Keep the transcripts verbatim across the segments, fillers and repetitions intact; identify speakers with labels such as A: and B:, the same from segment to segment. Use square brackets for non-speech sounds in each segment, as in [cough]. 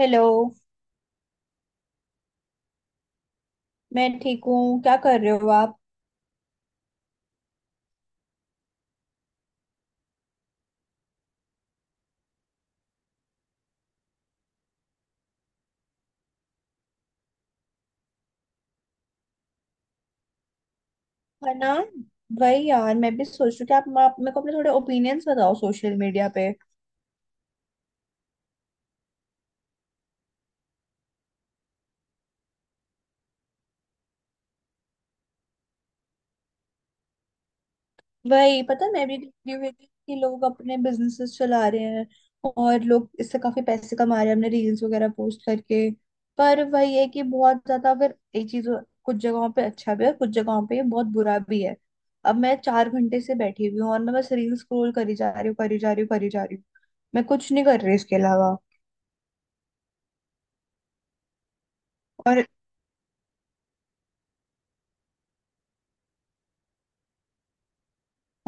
A: Hello. मैं ठीक हूँ। क्या कर रहे हो आप? है ना। वही यार, मैं भी सोच रही हूँ कि आप आप मेरे को अपने थोड़े ओपिनियंस बताओ सोशल मीडिया पे। वही पता है। मैं भी देख रही हूँ कि लोग अपने बिजनेसेस चला रहे हैं, और लोग इससे काफी पैसे कमा रहे हैं अपने रील्स वगैरह पोस्ट करके। पर वही है कि बहुत ज्यादा फिर ये चीज, कुछ जगहों पे अच्छा भी है, कुछ जगहों पे ये बहुत बुरा भी है। अब मैं चार घंटे से बैठी हुई हूँ और मैं बस रील्स स्क्रॉल करी जा रही हूँ, करी जा रही हूँ, करी जा रही हूँ। मैं कुछ नहीं कर रही इसके अलावा। और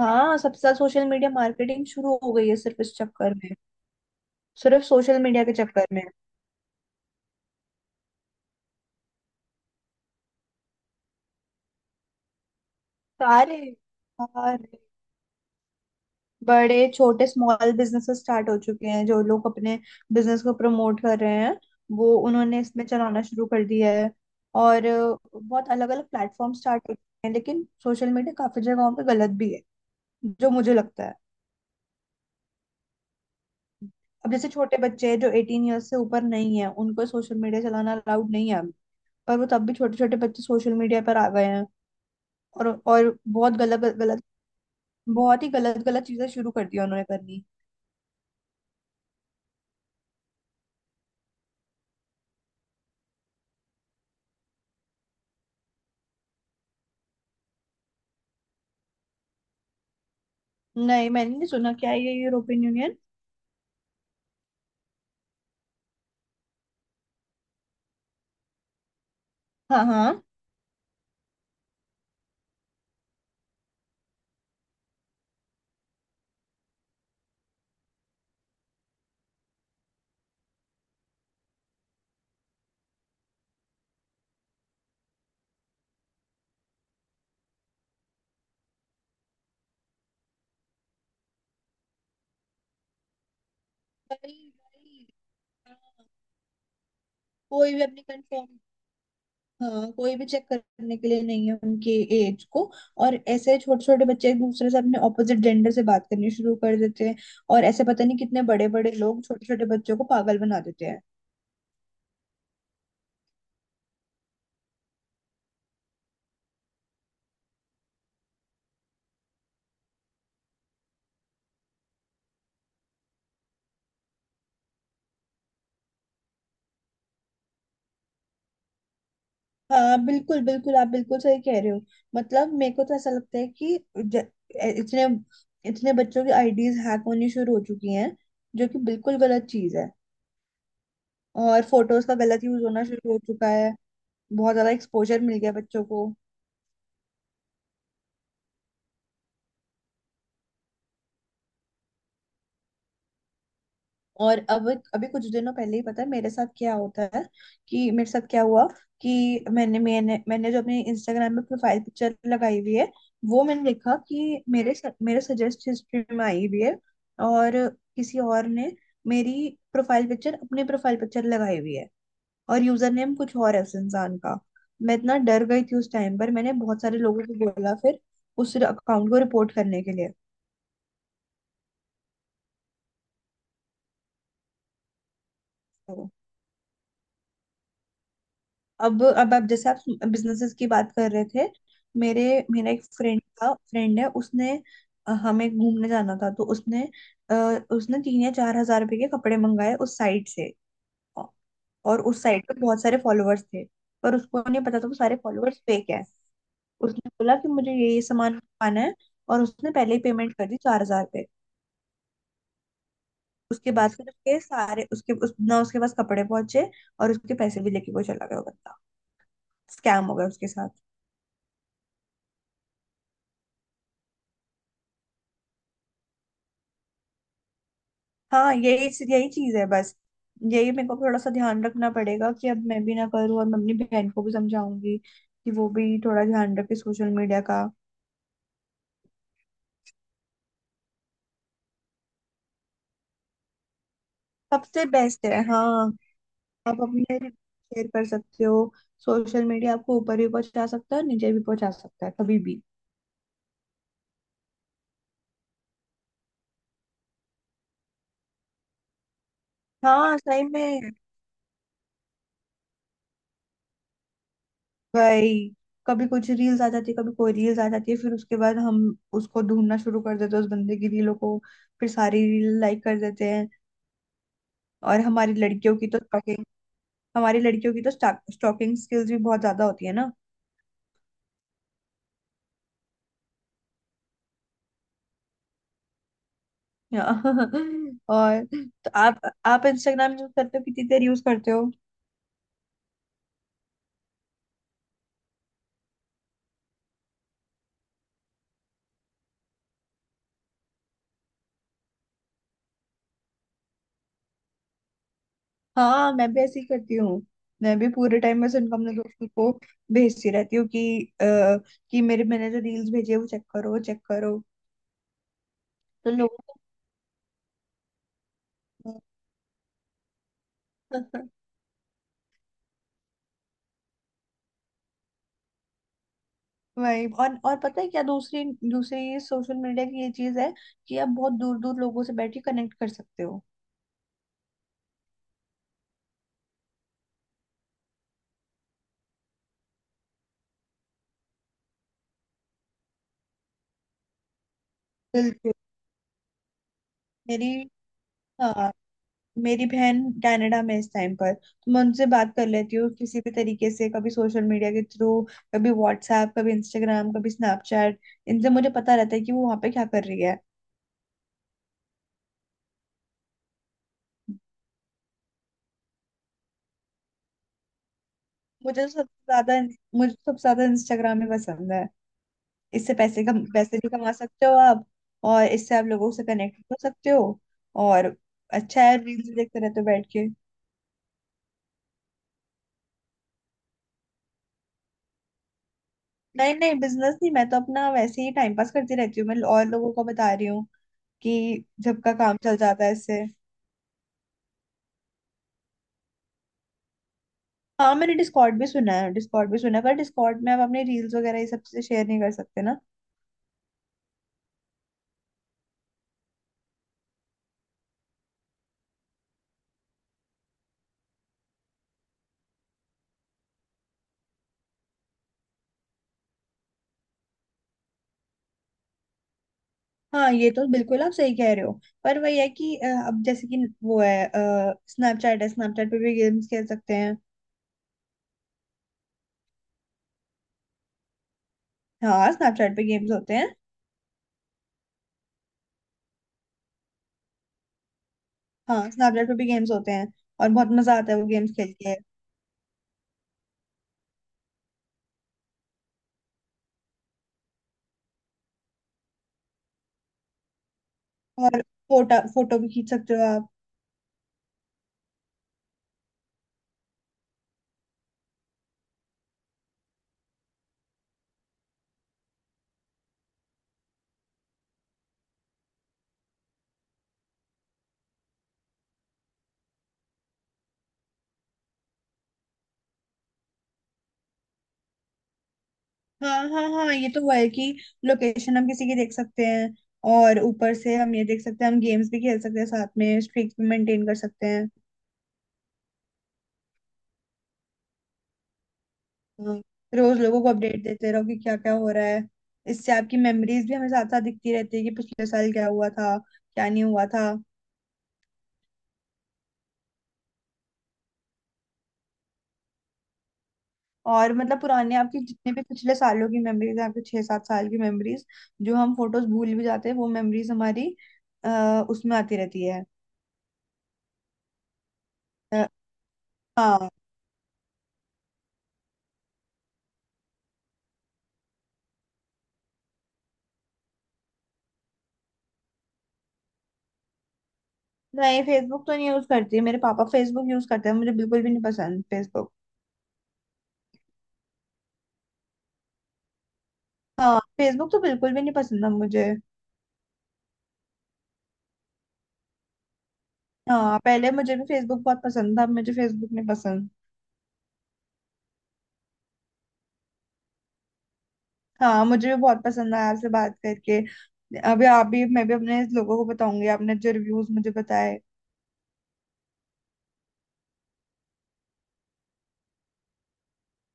A: हाँ, सबसे ज्यादा सोशल मीडिया मार्केटिंग शुरू हो गई है, सिर्फ इस चक्कर में, सिर्फ सोशल मीडिया के चक्कर में। सारे सारे बड़े छोटे स्मॉल बिजनेसेस स्टार्ट हो चुके हैं। जो लोग अपने बिजनेस को प्रमोट कर रहे हैं, वो उन्होंने इसमें चलाना शुरू कर दिया है। और अ, बहुत अलग अलग प्लेटफॉर्म स्टार्ट हो चुके हैं, लेकिन सोशल मीडिया काफी जगहों पे गलत भी है, जो मुझे लगता है। अब जैसे छोटे बच्चे हैं जो एटीन ईयर्स से ऊपर नहीं है, उनको सोशल मीडिया चलाना अलाउड नहीं है अभी। पर वो तब भी छोटे छोटे बच्चे सोशल मीडिया पर आ गए हैं, और और बहुत गलत गलत, बहुत ही गलत गलत चीजें शुरू कर दी उन्होंने करनी। नहीं, मैंने नहीं सुना। क्या है ये यूरोपियन यूनियन? हाँ हाँ। वही वही। हाँ, कोई भी अपनी कंफर्म हाँ, कोई भी चेक करने के लिए नहीं है उनकी एज को। और ऐसे छोटे छोटे बच्चे एक दूसरे से अपने ऑपोजिट जेंडर से बात करनी शुरू कर देते हैं, और ऐसे पता नहीं कितने बड़े बड़े लोग छोटे छोटे बच्चों को पागल बना देते हैं। हाँ बिल्कुल बिल्कुल, आप बिल्कुल सही कह रहे हो। मतलब मेरे को तो ऐसा लगता है कि ज- इतने इतने बच्चों की आईडीज हैक होनी शुरू हो चुकी हैं, जो कि बिल्कुल गलत चीज है। और फोटोज का गलत यूज होना शुरू हो चुका है। बहुत ज्यादा एक्सपोजर मिल गया बच्चों को। और अब, अभी कुछ दिनों पहले ही, पता है मेरे साथ क्या होता है, कि मेरे साथ क्या हुआ, कि मैंने मैंने मैंने जो अपनी इंस्टाग्राम में प्रोफाइल पिक्चर लगाई हुई है, वो मैंने देखा कि मेरे स- मेरे सजेस्ट हिस्ट्री में आई हुई है। और किसी और ने मेरी प्रोफाइल पिक्चर अपनी प्रोफाइल पिक्चर लगाई हुई है, और यूजर नेम कुछ और है उस इंसान का। मैं इतना डर गई थी उस टाइम पर, मैंने बहुत सारे लोगों को बोला फिर उस अकाउंट को रिपोर्ट करने के लिए। अब अब आप, जैसे आप बिजनेसेस की बात कर रहे थे, मेरे मेरा एक फ्रेंड था, फ्रेंड है, उसने अ, हमें घूमने जाना था तो उसने, अ, उसने तीन या चार हजार रुपए के कपड़े मंगाए उस साइट से। औ- और उस साइट पे बहुत सारे फॉलोअर्स थे, पर उसको नहीं पता था वो सारे फॉलोअर्स फेक है। उसने बोला कि मुझे ये ये सामान मंगवाना है, और उसने पहले ही पेमेंट कर दी, चार हजार रुपये। उसके बाद फिर उसके सारे उसके उस, ना उसके पास कपड़े पहुंचे, और उसके पैसे भी लेके वो चला गया वो बंदा। स्कैम हो गया उसके साथ। हाँ यही यही चीज है बस। यही मेरे को थोड़ा सा ध्यान रखना पड़ेगा कि अब मैं भी ना करूँ, और मैं अपनी बहन को भी समझाऊंगी कि वो भी थोड़ा ध्यान रखे सोशल मीडिया का। सबसे बेस्ट है, हाँ। आप अपने शेयर कर सकते हो। सोशल मीडिया आपको ऊपर भी पहुंचा सकता है और नीचे भी पहुंचा सकता है कभी भी। हाँ सही में। भाई, कभी कुछ रील्स आ जाती है, कभी कोई रील्स आ जाती है, फिर उसके बाद हम उसको ढूंढना शुरू कर देते हैं उस बंदे की रीलों को, फिर सारी रील लाइक कर देते हैं। और हमारी लड़कियों की तो हमारी लड़कियों की तो स्टॉकिंग स्किल्स भी बहुत ज्यादा होती है ना। [laughs] और तो आप आप इंस्टाग्राम यूज करते हो, कितनी देर यूज करते हो? हाँ, मैं भी ऐसे ही करती हूँ। मैं भी पूरे टाइम बस इनकम अपने दोस्तों को भेजती रहती हूँ कि अ, कि मेरे मैंने जो रील्स भेजे वो चेक करो, चेक करो। तो लोगों को [laughs] वही, और और पता है क्या, दूसरी दूसरी सोशल मीडिया की ये चीज है कि आप बहुत दूर दूर लोगों से बैठ के कनेक्ट कर सकते हो। बिल्कुल। मेरी हाँ, मेरी बहन कनाडा में है इस टाइम पर, तो मैं उनसे बात कर लेती हूँ किसी भी तरीके से, कभी सोशल मीडिया के थ्रू, कभी व्हाट्सएप, कभी इंस्टाग्राम, कभी स्नैपचैट। इनसे मुझे पता रहता है कि वो वहाँ पे क्या कर रही है। मुझे तो सबसे ज्यादा मुझे तो सबसे ज्यादा इंस्टाग्राम ही पसंद है। इससे पैसे, कम पैसे भी कमा सकते हो आप, और इससे आप लोगों से कनेक्ट हो सकते हो। और अच्छा है, रील्स देखते रहते हो बैठ के। नहीं नहीं, बिजनेस नहीं, मैं तो अपना वैसे ही टाइम पास करती रहती हूँ, मैं और लोगों को बता रही हूँ कि जब का काम चल जाता है इससे। हाँ मैंने डिस्कॉर्ड भी सुना है, डिस्कॉर्ड भी सुना है, पर डिस्कॉर्ड में आप अपने रील्स वगैरह ये सब से शेयर नहीं कर सकते ना। हाँ ये तो बिल्कुल आप सही कह रहे हो। पर वही है कि अ, अब जैसे कि वो है, स्नैपचैट है, स्नैपचैट पे भी गेम्स खेल सकते हैं। हाँ स्नैपचैट पे गेम्स होते हैं। हाँ स्नैपचैट पे भी गेम्स होते हैं, और बहुत मजा आता है वो गेम्स खेल के। और फोटो फोटो भी खींच सकते हो आप। हाँ हाँ हाँ, ये तो हुआ है कि लोकेशन हम किसी की देख सकते हैं, और ऊपर से हम ये देख सकते हैं, हम गेम्स भी खेल सकते हैं साथ में, स्ट्रीक भी मेंटेन कर सकते हैं। हाँ, रोज लोगों को अपडेट देते रहो कि क्या क्या हो रहा है। इससे आपकी मेमोरीज भी हमें साथ साथ दिखती रहती है, कि पिछले साल क्या हुआ था, क्या नहीं हुआ था। और मतलब पुराने, आपकी जितने भी पिछले सालों की मेमोरीज हैं, आपके छह सात साल की मेमोरीज, जो हम फोटोज भूल भी जाते हैं, वो मेमोरीज हमारी आ, उसमें आती रहती है। अ, हाँ। नहीं, फेसबुक तो नहीं यूज करती, मेरे पापा फेसबुक यूज करते हैं, मुझे बिल्कुल भी नहीं पसंद फेसबुक। हाँ फेसबुक तो बिल्कुल भी नहीं पसंद था मुझे। हाँ, पहले मुझे भी फेसबुक बहुत पसंद था, अब मुझे फेसबुक नहीं पसंद। हाँ मुझे भी बहुत पसंद आया आपसे बात करके। अभी आप भी, मैं भी अपने लोगों को बताऊंगी आपने जो रिव्यूज मुझे बताए।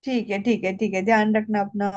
A: ठीक है, ठीक है, ठीक है, ध्यान रखना अपना।